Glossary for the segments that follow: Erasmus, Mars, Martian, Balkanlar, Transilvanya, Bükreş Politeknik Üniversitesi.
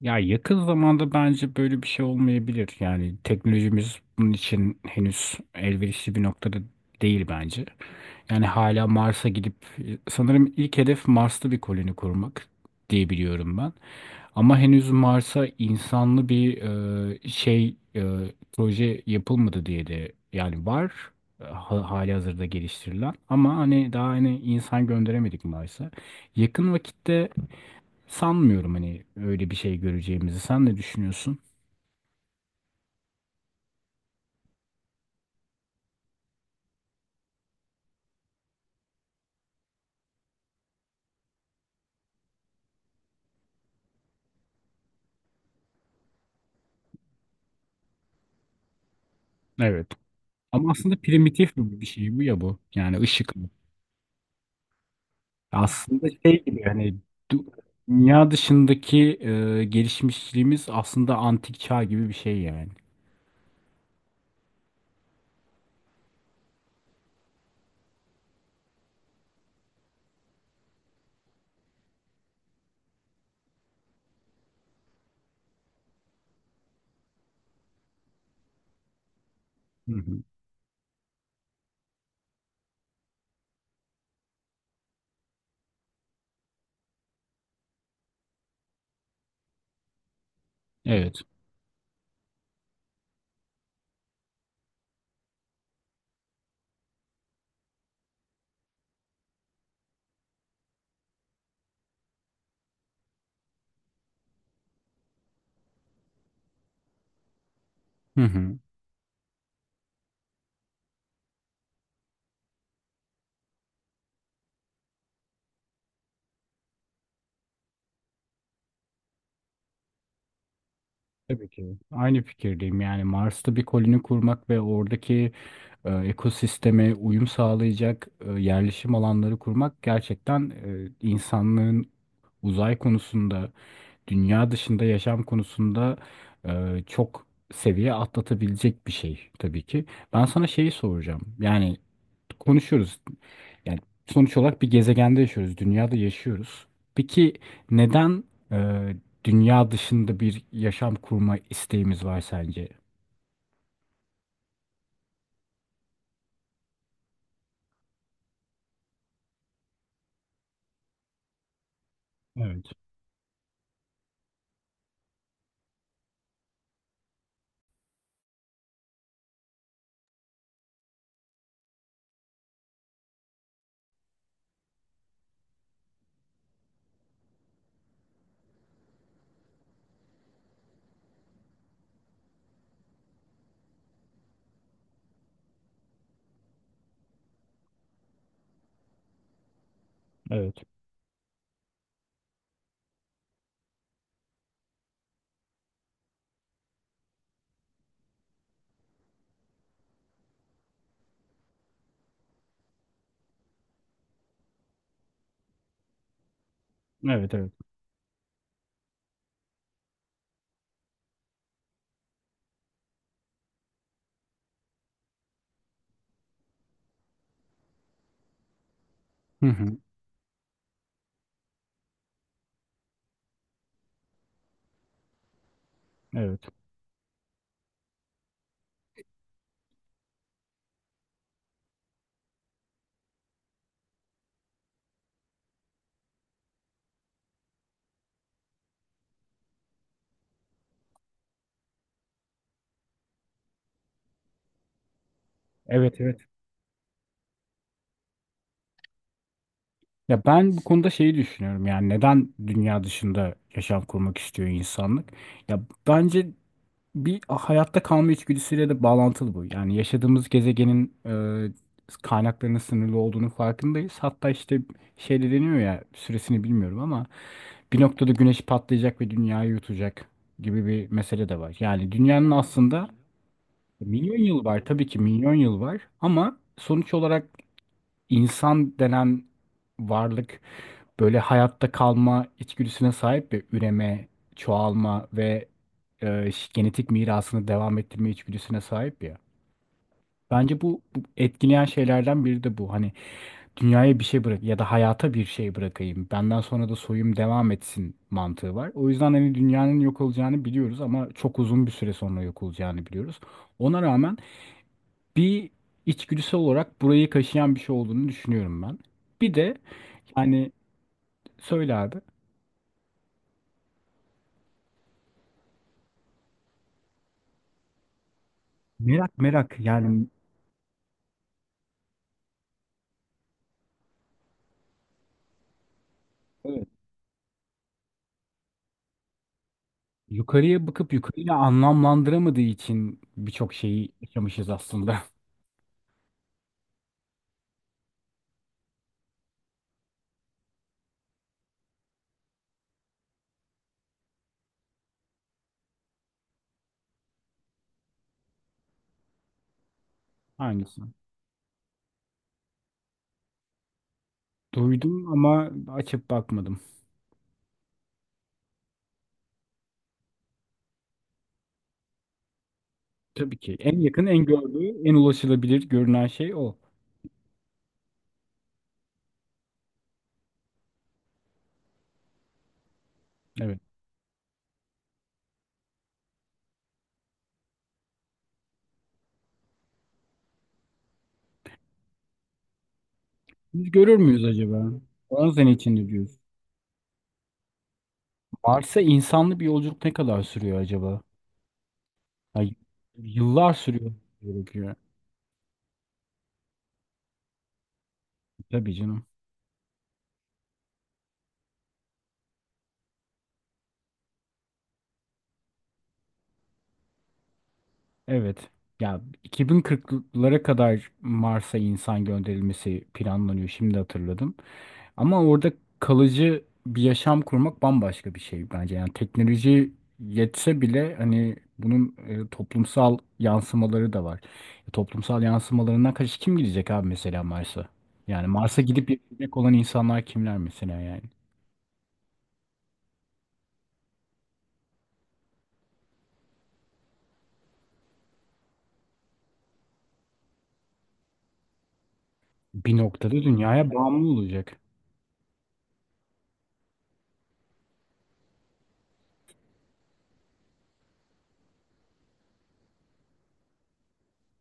Ya yakın zamanda bence böyle bir şey olmayabilir. Yani teknolojimiz bunun için henüz elverişli bir noktada değil bence. Yani hala Mars'a gidip sanırım ilk hedef Mars'ta bir koloni kurmak diye biliyorum ben. Ama henüz Mars'a insanlı bir şey proje yapılmadı diye de yani var ha, hali hazırda geliştirilen ama hani daha hani insan gönderemedik Mars'a. Yakın vakitte sanmıyorum hani öyle bir şey göreceğimizi. Sen ne düşünüyorsun? Evet. Ama aslında primitif bir şey bu ya bu. Yani ışık. Aslında şey gibi hani du- dünya dışındaki gelişmişliğimiz aslında antik çağ gibi bir şey yani. Hı hı. Evet. Hı hı. Tabii ki. Aynı fikirdeyim. Yani Mars'ta bir koloni kurmak ve oradaki ekosisteme uyum sağlayacak yerleşim alanları kurmak gerçekten insanlığın uzay konusunda dünya dışında yaşam konusunda e, çok seviye atlatabilecek bir şey tabii ki. Ben sana şeyi soracağım. Yani konuşuyoruz. Yani sonuç olarak bir gezegende yaşıyoruz, dünyada yaşıyoruz. Peki neden e, dünya dışında bir yaşam kurma isteğimiz var sence? Evet, evet, evet, evet. Hı hı. Evet, evet, evet. Ya ben bu konuda şeyi düşünüyorum, yani neden dünya dışında yaşam kurmak istiyor insanlık? Ya bence bir hayatta kalma içgüdüsüyle de bağlantılı bu. Yani yaşadığımız gezegenin kaynaklarının sınırlı olduğunu farkındayız. Hatta işte şey de deniyor ya, süresini bilmiyorum ama bir noktada güneş patlayacak ve dünyayı yutacak gibi bir mesele de var. Yani dünyanın aslında milyon yıl var, tabii ki milyon yıl var, ama sonuç olarak İnsan denen varlık böyle hayatta kalma içgüdüsüne sahip ve üreme, çoğalma ve genetik mirasını devam ettirme içgüdüsüne sahip ya. Bence bu, bu etkileyen şeylerden biri de bu. Hani dünyaya bir şey bırak ya da hayata bir şey bırakayım. Benden sonra da soyum devam etsin mantığı var. O yüzden hani dünyanın yok olacağını biliyoruz ama çok uzun bir süre sonra yok olacağını biliyoruz. Ona rağmen bir içgüdüsel olarak burayı kaşıyan bir şey olduğunu düşünüyorum ben. Bir de yani söyle abi. Merak merak yani. Evet. Yukarıya bakıp yukarıyla anlamlandıramadığı için birçok şeyi yaşamışız aslında. Aynısı. Duydum ama açıp bakmadım. Tabii ki en yakın, en gördüğü, en ulaşılabilir görünen şey o. Evet. Biz görür müyüz acaba? 10 sene içinde diyoruz. Mars'a insanlı bir yolculuk ne kadar sürüyor acaba? Ya, yıllar sürüyor gerekiyor. Tabii canım. Evet. Ya 2040'lara kadar Mars'a insan gönderilmesi planlanıyor. Şimdi hatırladım. Ama orada kalıcı bir yaşam kurmak bambaşka bir şey bence. Yani teknoloji yetse bile hani bunun toplumsal yansımaları da var. Toplumsal yansımalarından kaç kim gidecek abi mesela Mars'a? Yani Mars'a gidip yaşayacak olan insanlar kimler mesela yani? Bir noktada dünyaya bağımlı olacak.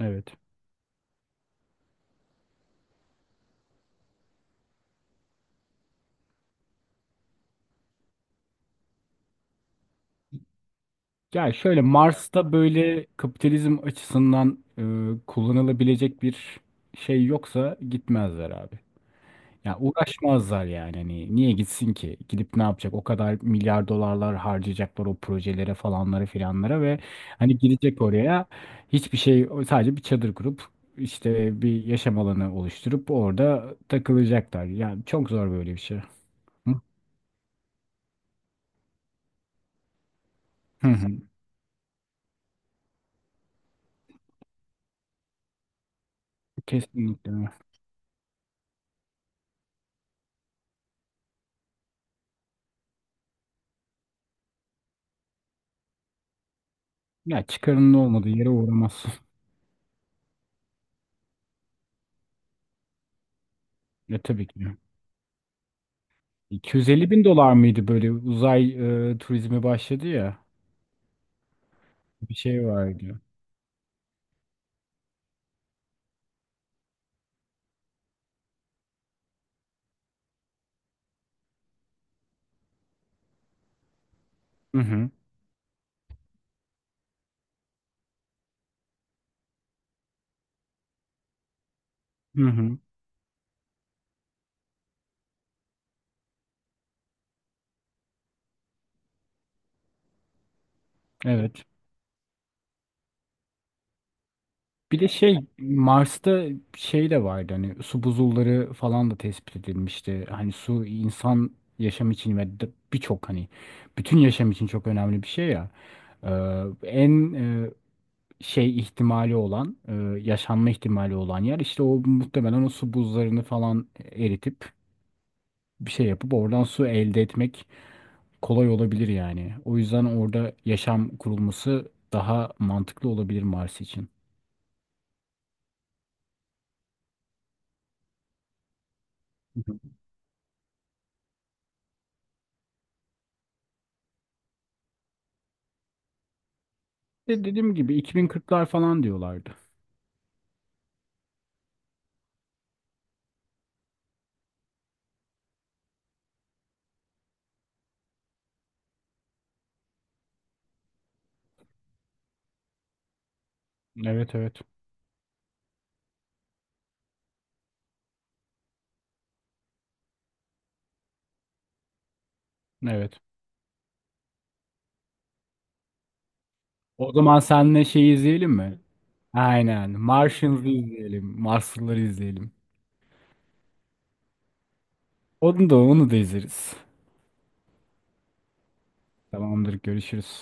Evet. Yani şöyle Mars'ta böyle kapitalizm açısından kullanılabilecek bir şey yoksa gitmezler abi. Ya uğraşmazlar yani, hani niye gitsin ki? Gidip ne yapacak? O kadar milyar dolarlar harcayacaklar o projelere falanlara filanlara ve hani gidecek oraya, hiçbir şey, sadece bir çadır kurup işte bir yaşam alanı oluşturup orada takılacaklar. Yani çok zor böyle bir şey. Hı. Hı. Kesinlikle. Ya çıkarının olmadığı yere uğramazsın. Ya tabii ki. 250 bin dolar mıydı böyle uzay turizmi başladı ya, bir şey vardı. Hı hı. Hı hı. Evet. Bir de şey Mars'ta şey de vardı, hani su buzulları falan da tespit edilmişti. Hani su insan yaşam için ve birçok hani bütün yaşam için çok önemli bir şey ya. Ee, En şey ihtimali olan yaşanma ihtimali olan yer işte o, muhtemelen o su buzlarını falan eritip bir şey yapıp oradan su elde etmek kolay olabilir yani. O yüzden orada yaşam kurulması daha mantıklı olabilir Mars için. Hı hı. De dediğim gibi 2040'lar falan diyorlardı. Evet, evet. Evet. O zaman seninle şeyi izleyelim mi? Aynen. Martians'ı izleyelim. Marslıları izleyelim. Onu da onu da izleriz. Tamamdır. Görüşürüz.